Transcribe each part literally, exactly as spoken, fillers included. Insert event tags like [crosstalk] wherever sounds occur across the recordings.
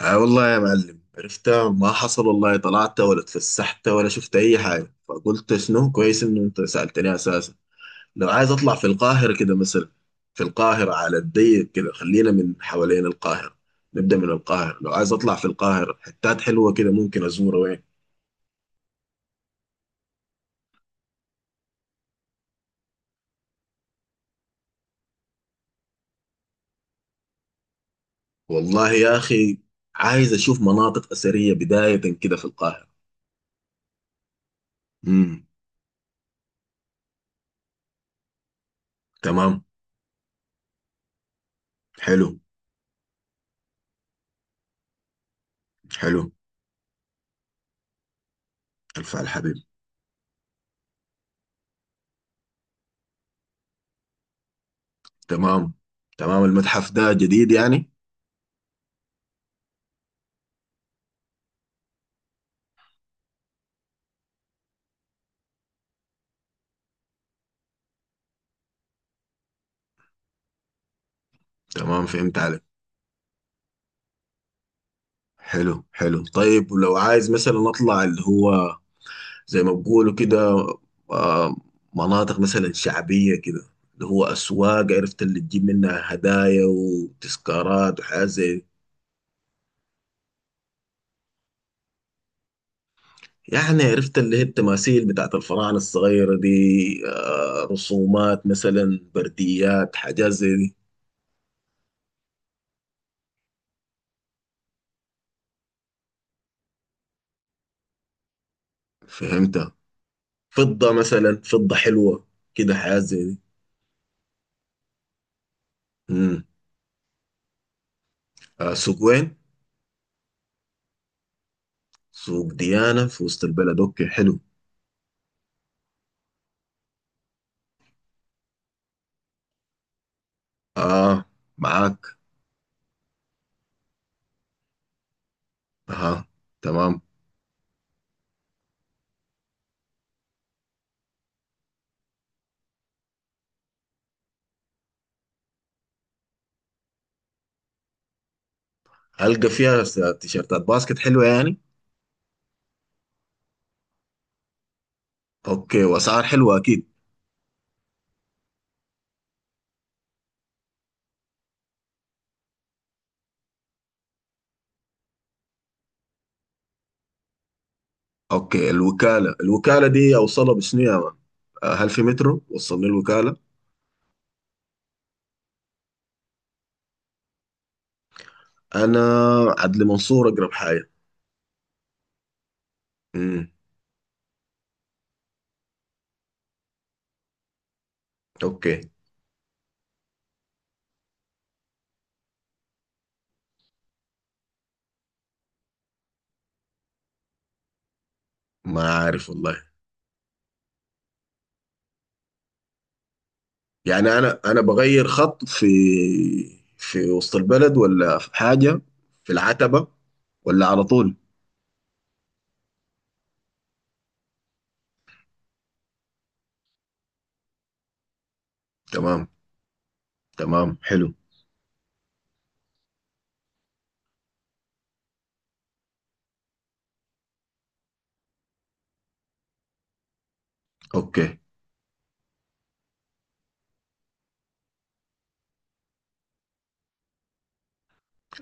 آه والله يا معلم، عرفتها ما حصل والله، طلعت ولا اتفسحت ولا شفت اي حاجه. فقلت شنو كويس انه انت سالتني اساسا لو عايز اطلع في القاهره كده مثلا. في القاهره على الضيق كده خلينا من حوالين القاهره. نبدا من القاهره، لو عايز اطلع في القاهره حتات حلوه كده ممكن ازورها وين؟ والله يا اخي، عايز اشوف مناطق اثريه بدايه كده في القاهره. امم تمام. حلو حلو. الف على الحبيب. تمام تمام. المتحف ده جديد يعني؟ تمام، فهمت عليك. حلو حلو. طيب، ولو عايز مثلا اطلع اللي هو زي ما بقولوا كده، آه، مناطق مثلا شعبية كده اللي هو اسواق، عرفت، اللي تجيب منها هدايا وتذكارات وحاجات زي يعني. عرفت اللي هي التماثيل بتاعت الفراعنة الصغيرة دي، آه، رسومات مثلا، برديات، حاجات زي دي. فهمتها. فضة مثلا، فضة حلوة كده، حاجات زي دي. امم آه، سوق وين؟ سوق ديانة في وسط البلد، اوكي حلو. اه، معاك. اه، تمام. هلقى فيها س- تيشيرتات باسكت حلوة يعني؟ اوكي، واسعار حلوة اكيد. اوكي. الوكالة، الوكالة دي اوصلها بشنو يا مان؟ آه، هل في مترو وصلني الوكالة؟ انا، عدلي منصور اقرب حاجة. امم اوكي. ما عارف والله. يعني انا انا بغير خط في في وسط البلد ولا في حاجة؟ في العتبة ولا على طول؟ تمام تمام، حلو. اوكي.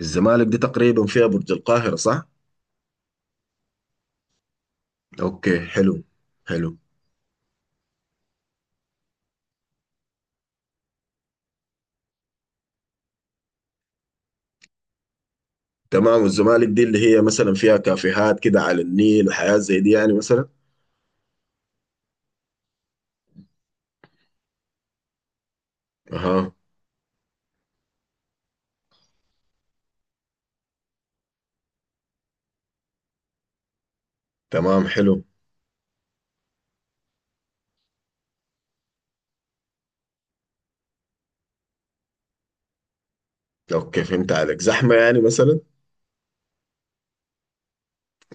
الزمالك دي تقريبا فيها برج القاهرة صح؟ اوكي، حلو حلو. تمام. والزمالك دي اللي هي مثلا فيها كافيهات كده على النيل وحياة زي دي يعني مثلا؟ اها، تمام، حلو. اوكي، فهمت عليك. زحمة يعني مثلا؟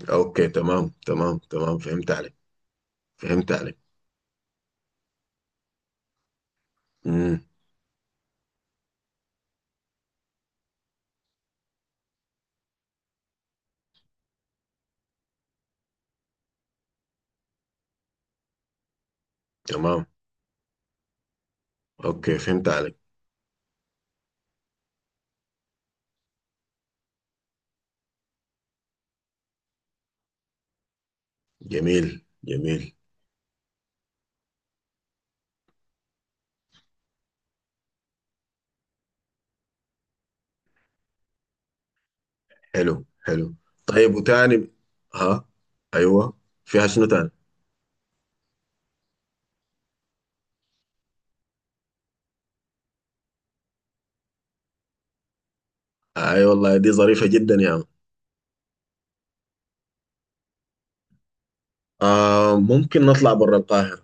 اوكي تمام تمام تمام، فهمت عليك، فهمت عليك. امم تمام. اوكي، فهمت عليك. جميل جميل. حلو حلو. طيب، وتاني؟ ها؟ ايوه، فيها شنو تاني؟ آه، اي، أيوة والله دي ظريفة جدا يا عم. آه ممكن نطلع برا القاهرة.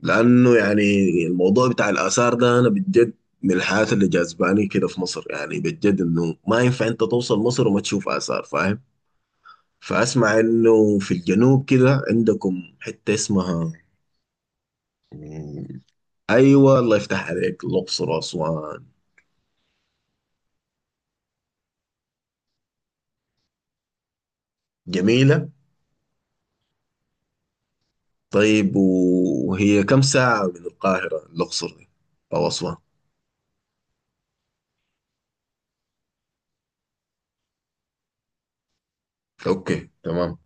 لأنه يعني الموضوع بتاع الآثار ده، أنا بجد، من الحاجات اللي جذباني كده في مصر، يعني بجد إنه ما ينفع أنت توصل مصر وما تشوف آثار فاهم. فأسمع إنه في الجنوب كده عندكم حتة اسمها. مم، أيوة، الله يفتح عليك، الأقصر وأسوان. جميلة. طيب، وهي كم ساعة من القاهرة الأقصر دي أو أسوان؟ أوكي تمام.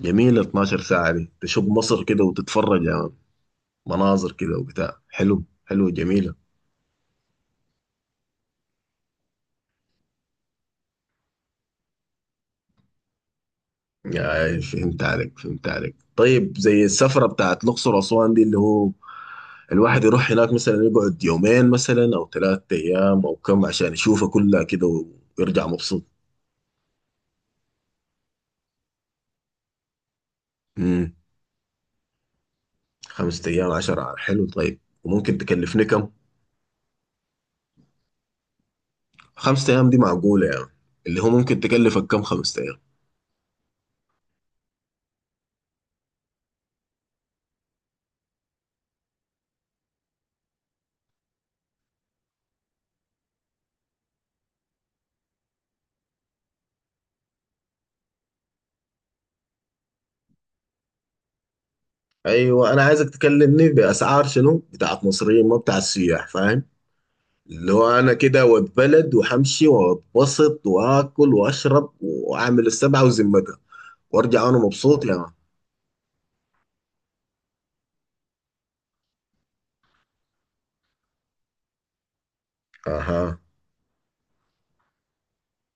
جميلة، اتناشر ساعة دي تشوف مصر كده وتتفرج يعني، مناظر كده وبتاع، حلو حلو جميلة. يعني فهمت عليك، فهمت عليك. طيب، زي السفرة بتاعت الأقصر وأسوان دي، اللي هو الواحد يروح هناك مثلا، يقعد يومين مثلا أو ثلاثة أيام أو كم عشان يشوفها كلها كده، ويرجع مبسوط. امم خمسة أيام عشرة، حلو. طيب، وممكن تكلفني كم؟ خمسة أيام دي معقولة يعني؟ اللي هو ممكن تكلفك كم خمسة أيام؟ أيوة، أنا عايزك تكلمني بأسعار شنو؟ بتاعت مصريين ما بتاعت سياح فاهم؟ اللي هو انا كده واتبلد وهمشي واتبسط واكل واشرب واعمل السبعه وذمتها، وارجع انا مبسوط يا مان. اها،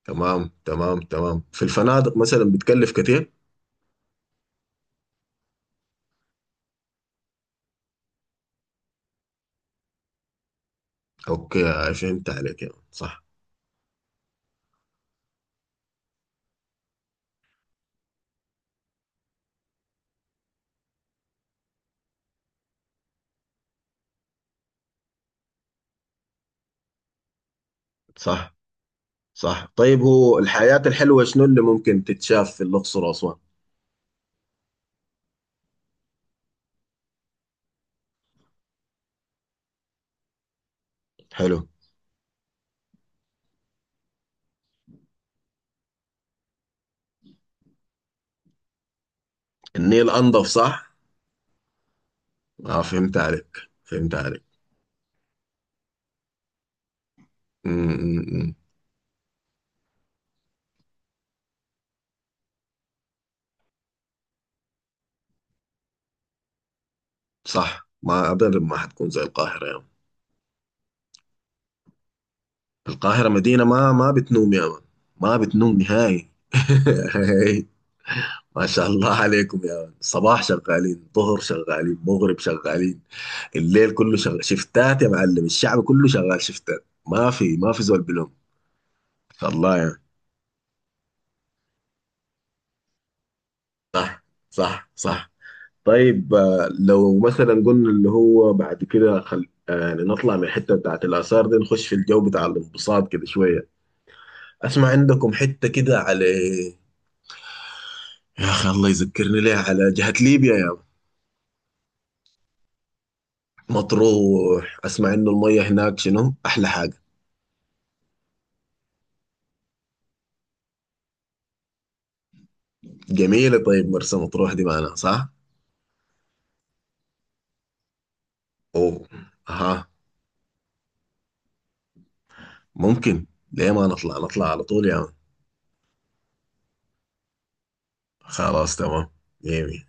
تمام تمام تمام. في الفنادق مثلا بتكلف كتير؟ اوكي، فهمت عليك يا مان. صح، صح، صح. طيب، هو الحياه الحلوه شنو اللي ممكن تتشاف في الاقصر واسوان؟ حلو. النيل انضف صح؟ اه، فهمت عليك، فهمت عليك. م -م -م. صح، ما ابدا ما حتكون زي القاهره يا مان. القاهرة مدينة ما ما بتنوم يا مان. ما بتنوم نهائي [laughs] ما شاء الله عليكم يا مان، صباح شغالين، ظهر شغالين، مغرب شغالين. الليل كله شغال شفتات يا معلم. الشعب كله شغال شفتات، ما في ما في زول بلوم. الله يعني. صح، صح، صح. طيب، آه، لو مثلا قلنا اللي هو بعد كده خل... آه، يعني نطلع من الحتة بتاعت الآثار دي، نخش في الجو بتاع الانبساط كده شوية. أسمع عندكم حتة كده على، يا اخي الله يذكرني ليه، على جهة ليبيا يا ما. مطروح. اسمع انه المية هناك شنو احلى حاجة. جميلة. طيب، مرسى مطروح دي معنا صح؟ اوه، اها. ممكن. ليه ما نطلع نطلع على طول يا مان. خلاص تمام. مية مية